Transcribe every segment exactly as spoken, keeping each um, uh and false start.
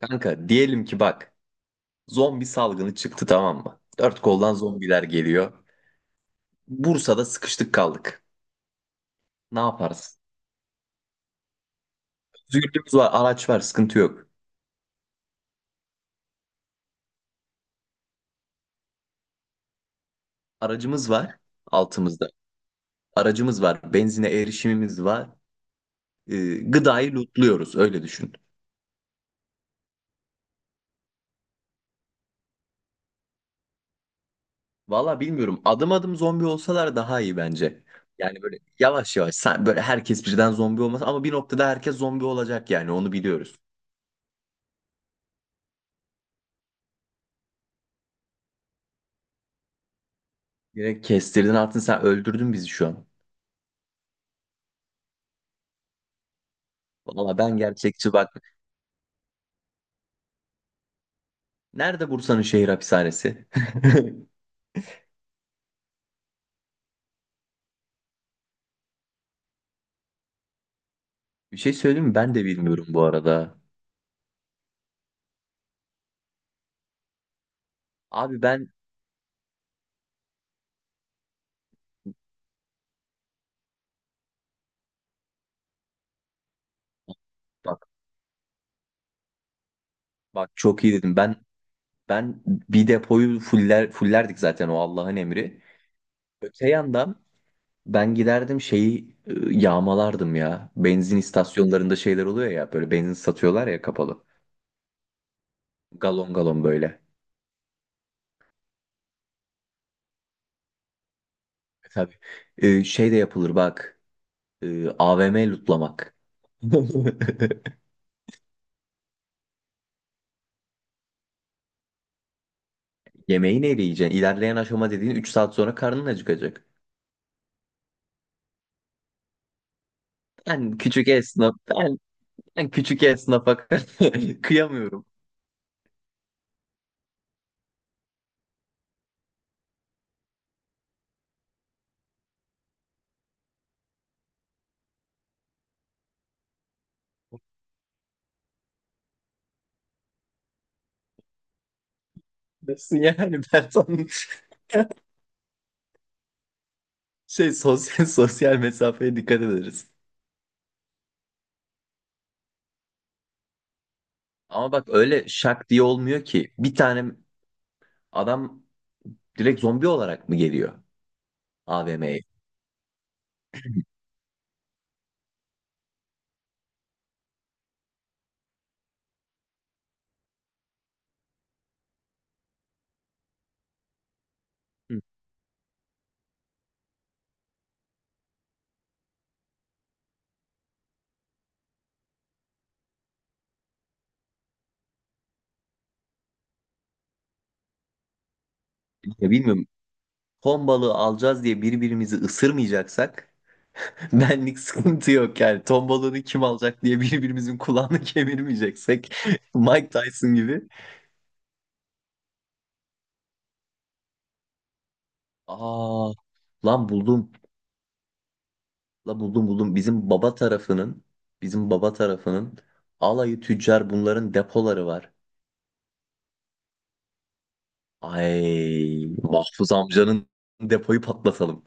Kanka diyelim ki bak, zombi salgını çıktı, tamam mı? Dört koldan zombiler geliyor. Bursa'da sıkıştık kaldık. Ne yaparız? Özgürlüğümüz var, araç var, sıkıntı yok. Aracımız var altımızda. Aracımız var, benzine erişimimiz var. Ee, gıdayı lootluyoruz, öyle düşün. Valla bilmiyorum, adım adım zombi olsalar daha iyi bence. Yani böyle yavaş yavaş sen- böyle herkes birden zombi olmaz ama bir noktada herkes zombi olacak, yani onu biliyoruz. Direkt kestirdin attın, sen öldürdün bizi şu an. Valla ben gerçekçi bak. Nerede Bursa'nın şehir hapishanesi? Bir şey söyleyeyim mi? Ben de bilmiyorum bu arada. Abi ben bak bak, çok iyi dedim. Ben ben bir depoyu fuller fullerdik zaten, o Allah'ın emri. Öte yandan ben giderdim, şeyi e, yağmalardım ya. Benzin istasyonlarında şeyler oluyor ya, böyle benzin satıyorlar ya, kapalı. Galon galon böyle. E, tabii. E, şey de yapılır bak. E, A V M lootlamak. Yemeği neyle yiyeceksin? İlerleyen aşama dediğin üç saat sonra karnın acıkacak. Ben küçük esnaf, ben, ben küçük esnafa kıyamıyorum. Nasıl yani, ben sana- şey, sosyal sosyal mesafeye dikkat ederiz. Ama bak, öyle şak diye olmuyor ki. Bir tane adam direkt zombi olarak mı geliyor A V M'ye? Ya bilmiyorum. Ton balığı alacağız diye birbirimizi ısırmayacaksak benlik sıkıntı yok yani. Ton balığını kim alacak diye birbirimizin kulağını kemirmeyeceksek Mike Tyson gibi. Aa, lan buldum. Lan buldum buldum. Bizim baba tarafının bizim baba tarafının alayı tüccar, bunların depoları var. Ay, Mahfuz amcanın depoyu patlatalım.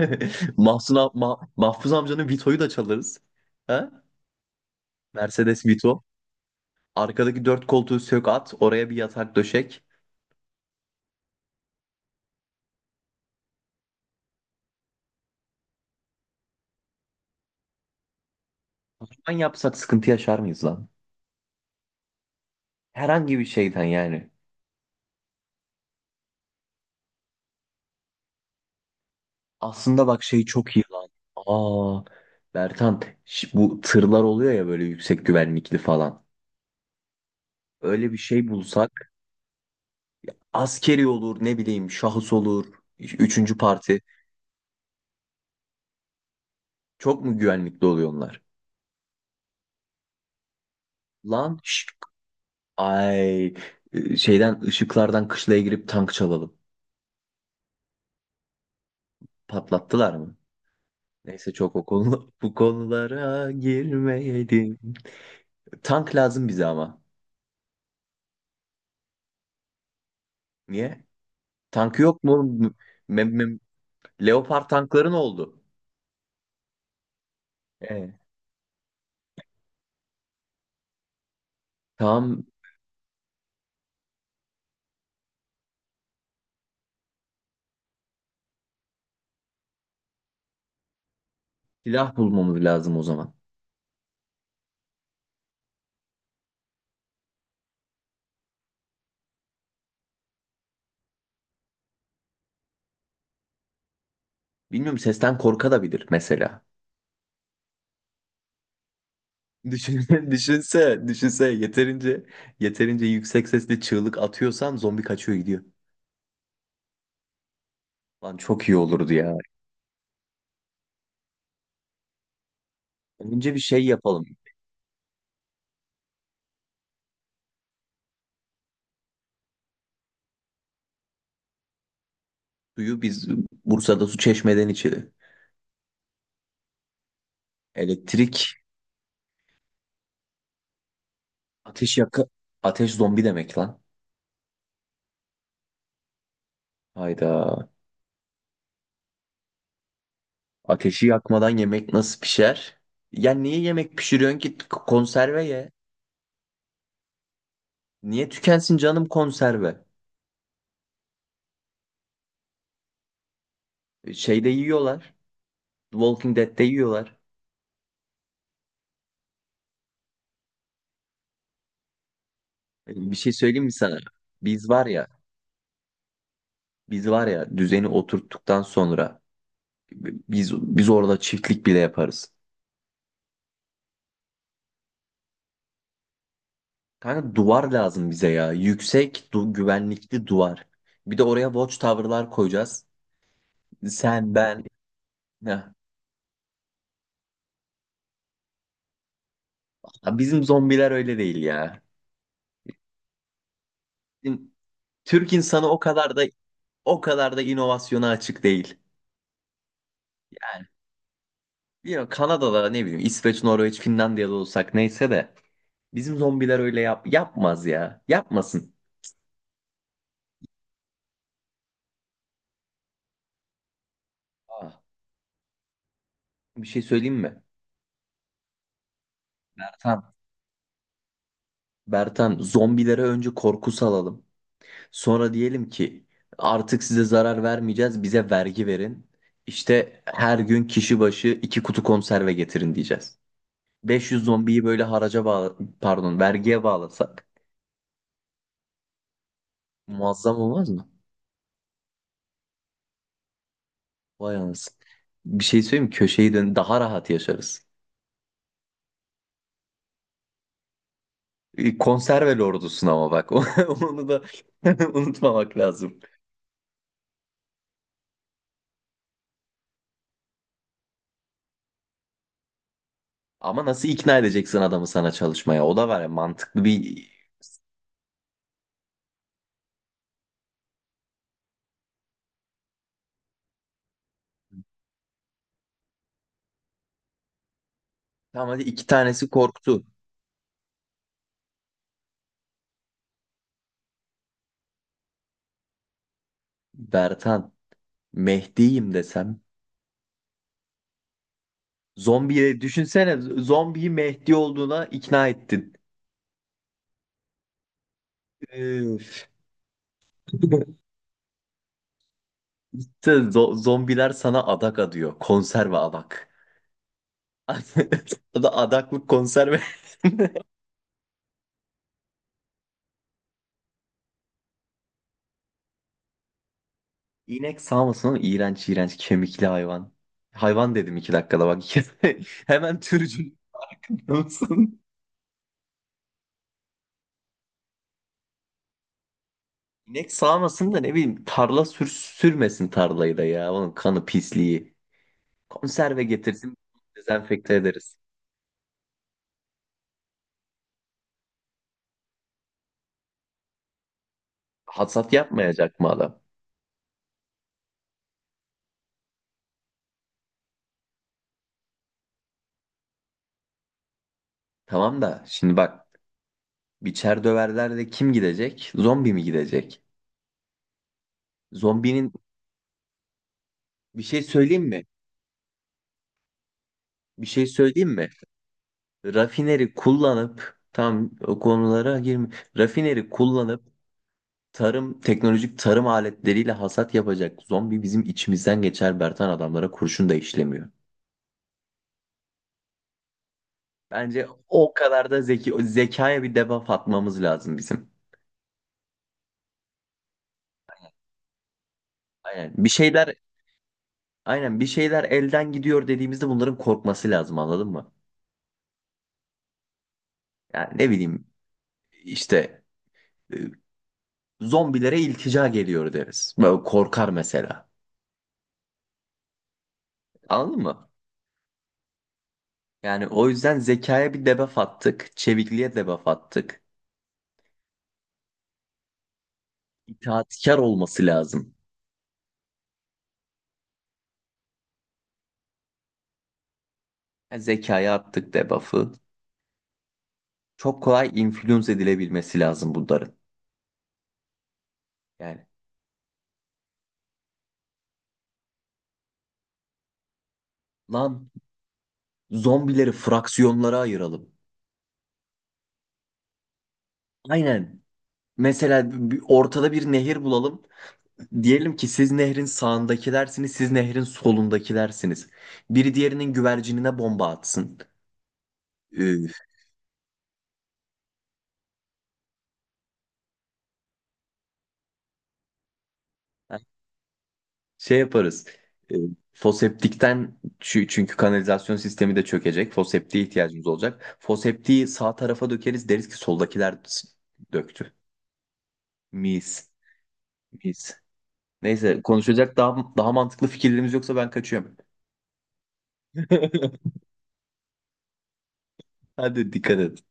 Mahsun am- Ma- Mahfuz amcanın Vito'yu da çalarız. Ha? Mercedes Vito. Arkadaki dört koltuğu sök at. Oraya bir yatak döşek. Lan yapsak sıkıntı yaşar mıyız lan? Herhangi bir şeyden yani. Aslında bak şey, çok iyi lan. Aa, Bertan, ş- bu tırlar oluyor ya böyle, yüksek güvenlikli falan. Öyle bir şey bulsak, askeri olur ne bileyim, şahıs olur. Üç- Üçüncü parti. Çok mu güvenlikli oluyor onlar? Lan şşt, ay, Ee, şeyden, ışıklardan kışlaya girip tank çalalım. Patlattılar mı? Neyse, çok o konu bu konulara girmeyelim. Tank lazım bize ama. Niye? Tank yok mu, oğlum? Mem mem Leopard tankların oldu. Ee, tamam silah bulmamız lazım o zaman. Bilmiyorum, sesten korka da bilir mesela. Düşün, düşünse, düşünse yeterince yeterince yüksek sesle çığlık atıyorsan zombi kaçıyor gidiyor. Lan çok iyi olurdu ya. Önce bir şey yapalım. Suyu biz Bursa'da, su çeşmeden içelim. Elektrik, ateş yaka ateş zombi demek lan. Hayda. Ateşi yakmadan yemek nasıl pişer? Ya niye yemek pişiriyorsun ki, K- konserve ye. Niye tükensin canım konserve? E, şeyde yiyorlar. The Walking Dead'de yiyorlar. E, bir şey söyleyeyim mi sana? Biz var ya, biz var ya, düzeni oturttuktan sonra e, biz biz orada çiftlik bile yaparız. Kanka duvar lazım bize ya. Yüksek, du güvenlikli duvar. Bir de oraya watchtower'lar koyacağız. Sen, ben. Heh. Ha, bizim zombiler öyle değil ya. Bizim Türk insanı o kadar da o kadar da inovasyona açık değil. Bilmiyorum, Kanada'da, ne bileyim, İsveç, Norveç, Finlandiya'da olsak neyse de bizim zombiler öyle yap yapmaz ya. Yapmasın. Aa, bir şey söyleyeyim mi? Bertan, Bertan, zombilere önce korku salalım. Sonra diyelim ki artık size zarar vermeyeceğiz, bize vergi verin. İşte her gün kişi başı iki kutu konserve getirin diyeceğiz. beş yüz zombiyi böyle haraca bağla, pardon, vergiye bağlasak muazzam olmaz mı? Vay anasını. Bir şey söyleyeyim mi? Köşeyi dön, daha rahat yaşarız. E, konserve lordusun ama bak, onu da unutmamak lazım. Ama nasıl ikna edeceksin adamı sana çalışmaya? O da var ya, mantıklı bir... Tamam, hadi iki tanesi korktu. Bertan, Mehdi'yim desem, zombiye düşünsene, z- zombiyi Mehdi olduğuna ikna ettin. Üf. İşte zo- zombiler sana adak adıyor. Konserve adak. O da adaklık konserve. İnek sağmasın oğlum. İğrenç iğrenç kemikli hayvan. Hayvan dedim iki dakikada bak. Hemen türcül. Olsun. İnek sağmasın da ne bileyim, tarla sür sürmesin tarlayı da ya. Onun kanı, pisliği. Konserve getirsin, dezenfekte ederiz. Hasat yapmayacak mı adam? Tamam da şimdi bak, biçer döverler de kim gidecek? Zombi mi gidecek? Zombinin bir şey söyleyeyim mi? Bir şey söyleyeyim mi? Rafineri kullanıp tam o konulara girme. Rafineri kullanıp tarım teknolojik tarım aletleriyle hasat yapacak zombi bizim içimizden geçer Bertan, adamlara kurşun da işlemiyor. Bence o kadar da zeki, o zekaya bir debuff atmamız lazım bizim. Aynen bir şeyler aynen bir şeyler elden gidiyor dediğimizde bunların korkması lazım, anladın mı? Yani ne bileyim, İşte e, zombilere iltica geliyor deriz. Böyle korkar mesela. Anladın mı? Yani o yüzden zekaya bir debuff attık. Çevikliğe debuff attık. İtaatkar olması lazım. Yani zekaya attık debuff'ı. Çok kolay influence edilebilmesi lazım bunların. Yani lan, zombileri fraksiyonlara ayıralım. Aynen. Mesela bir- ortada bir nehir bulalım. Diyelim ki siz nehrin sağındakilersiniz, siz nehrin solundakilersiniz. Biri diğerinin güvercinine bomba atsın. Ee, şey yaparız. Ee, foseptikten, çü- çünkü kanalizasyon sistemi de çökecek. Foseptiğe ihtiyacımız olacak. Foseptiği sağ tarafa dökeriz, deriz ki soldakiler s- döktü. Mis. Mis. Neyse, konuşacak daha daha mantıklı fikirlerimiz yoksa ben kaçıyorum. Hadi, dikkat et.